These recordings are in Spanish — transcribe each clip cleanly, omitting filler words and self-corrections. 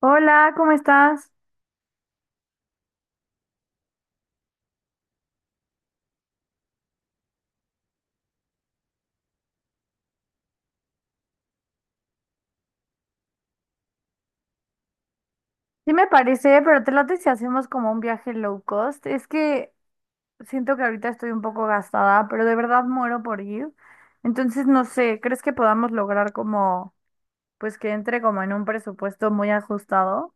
Hola, ¿cómo estás? Sí me parece, pero te late si hacemos como un viaje low cost. Es que siento que ahorita estoy un poco gastada, pero de verdad muero por ir. Entonces, no sé, ¿crees que podamos lograr como, pues que entre como en un presupuesto muy ajustado?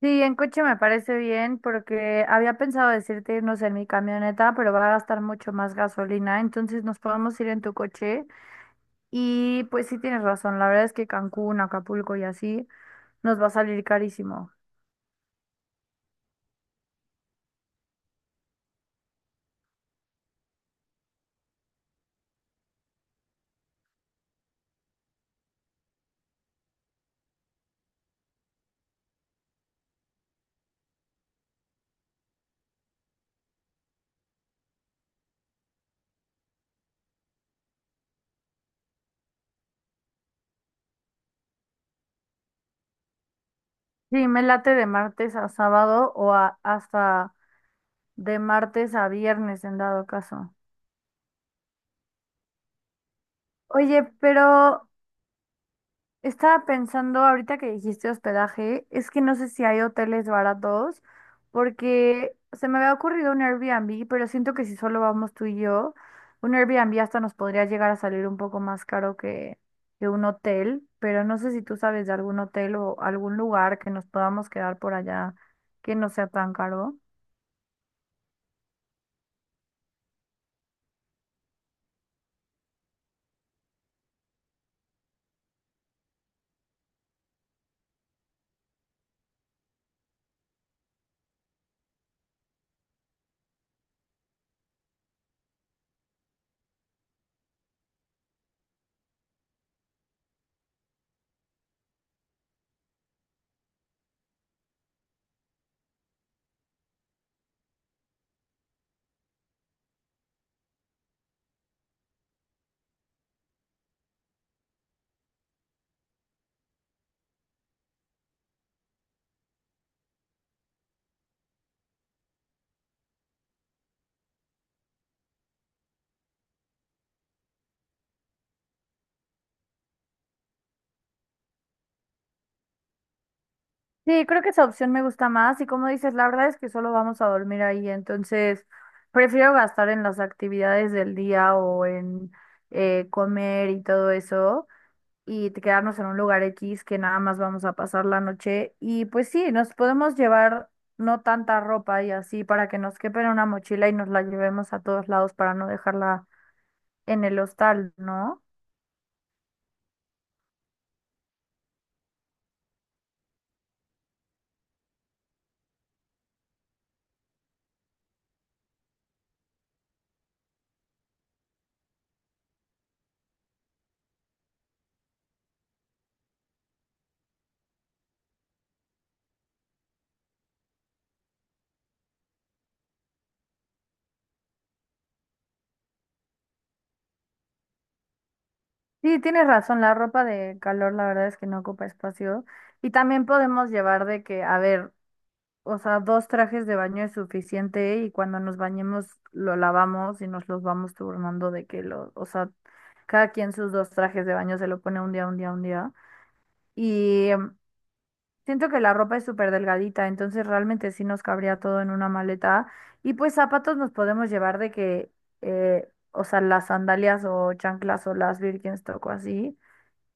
Sí, en coche me parece bien porque había pensado decirte irnos en mi camioneta, pero va a gastar mucho más gasolina, entonces nos podemos ir en tu coche y pues sí tienes razón, la verdad es que Cancún, Acapulco y así nos va a salir carísimo. Sí, me late de martes a sábado o hasta de martes a viernes en dado caso. Oye, pero estaba pensando ahorita que dijiste hospedaje, es que no sé si hay hoteles baratos, porque se me había ocurrido un Airbnb, pero siento que si solo vamos tú y yo, un Airbnb hasta nos podría llegar a salir un poco más caro que un hotel, pero no sé si tú sabes de algún hotel o algún lugar que nos podamos quedar por allá que no sea tan caro. Sí, creo que esa opción me gusta más y como dices, la verdad es que solo vamos a dormir ahí, entonces prefiero gastar en las actividades del día o en comer y todo eso y quedarnos en un lugar X que nada más vamos a pasar la noche y pues sí, nos podemos llevar no tanta ropa y así para que nos quepa en una mochila y nos la llevemos a todos lados para no dejarla en el hostal, ¿no? Sí, tienes razón, la ropa de calor la verdad es que no ocupa espacio. Y también podemos llevar de que, a ver, o sea, dos trajes de baño es suficiente y cuando nos bañemos lo lavamos y nos los vamos turnando de que lo, o sea, cada quien sus dos trajes de baño se lo pone un día, un día, un día. Y siento que la ropa es súper delgadita, entonces realmente sí nos cabría todo en una maleta. Y pues zapatos nos podemos llevar de que, o sea, las sandalias o chanclas o las Birkenstock o así.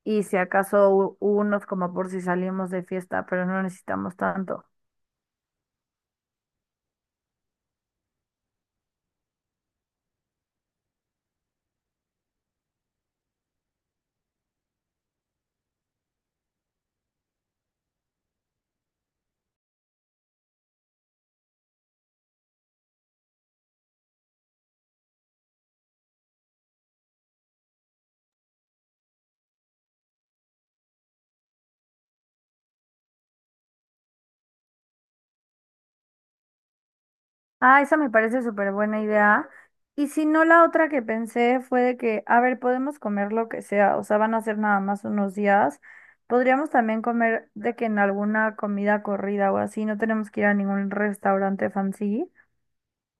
Y si acaso unos como por si salimos de fiesta, pero no necesitamos tanto. Ah, esa me parece súper buena idea. Y si no, la otra que pensé fue de que, a ver, podemos comer lo que sea, o sea, van a ser nada más unos días. Podríamos también comer de que en alguna comida corrida o así, no tenemos que ir a ningún restaurante fancy.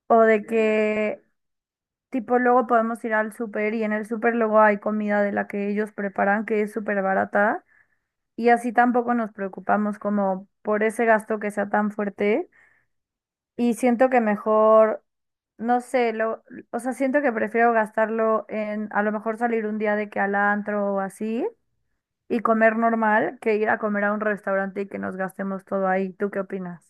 O de que, tipo, luego podemos ir al súper y en el súper luego hay comida de la que ellos preparan que es súper barata. Y así tampoco nos preocupamos como por ese gasto que sea tan fuerte. Y siento que mejor, no sé, lo, o sea, siento que prefiero gastarlo en a lo mejor salir un día de que al antro o así y comer normal que ir a comer a un restaurante y que nos gastemos todo ahí. ¿Tú qué opinas?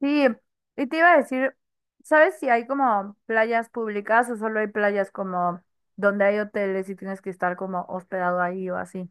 Sí, y te iba a decir, ¿sabes si hay como playas públicas o solo hay playas como donde hay hoteles y tienes que estar como hospedado ahí o así?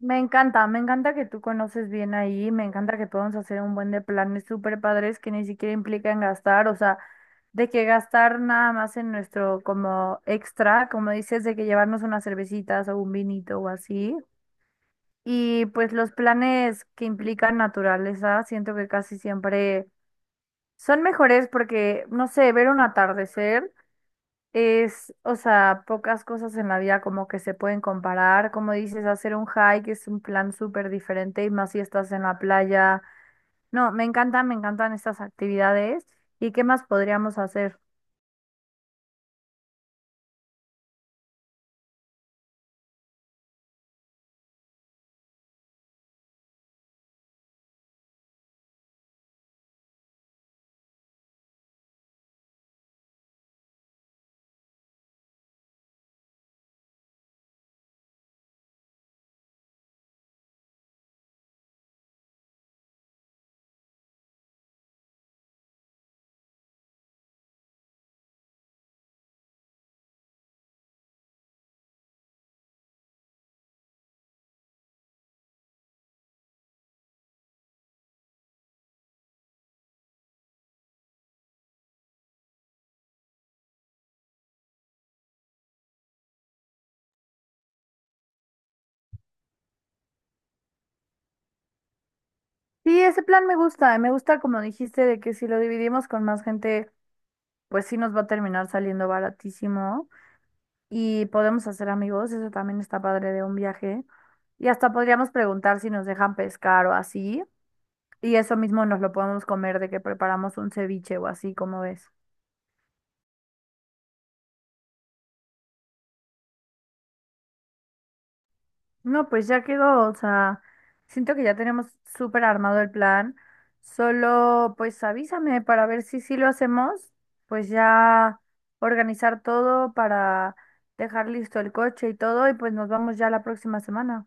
Me encanta que tú conoces bien ahí, me encanta que podamos hacer un buen de planes súper padres que ni siquiera implican gastar, o sea, de que gastar nada más en nuestro como extra, como dices, de que llevarnos unas cervecitas o un vinito o así. Y pues los planes que implican naturaleza, siento que casi siempre son mejores porque, no sé, ver un atardecer. Es, o sea, pocas cosas en la vida como que se pueden comparar. Como dices, hacer un hike es un plan súper diferente y más si estás en la playa. No, me encantan estas actividades. ¿Y qué más podríamos hacer? Sí, ese plan me gusta. Me gusta, como dijiste, de que si lo dividimos con más gente, pues sí nos va a terminar saliendo baratísimo y podemos hacer amigos. Eso también está padre de un viaje. Y hasta podríamos preguntar si nos dejan pescar o así. Y eso mismo nos lo podemos comer de que preparamos un ceviche o así, como ves? No, pues ya quedó, o sea, siento que ya tenemos súper armado el plan. Solo, pues avísame para ver si sí lo hacemos, pues ya organizar todo para dejar listo el coche y todo, y pues nos vamos ya la próxima semana.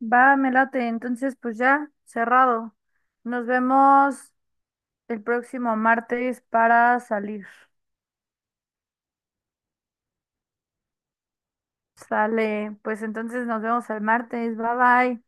Va, me late, entonces pues ya, cerrado. Nos vemos el próximo martes para salir. Sale, pues entonces nos vemos el martes. Bye bye.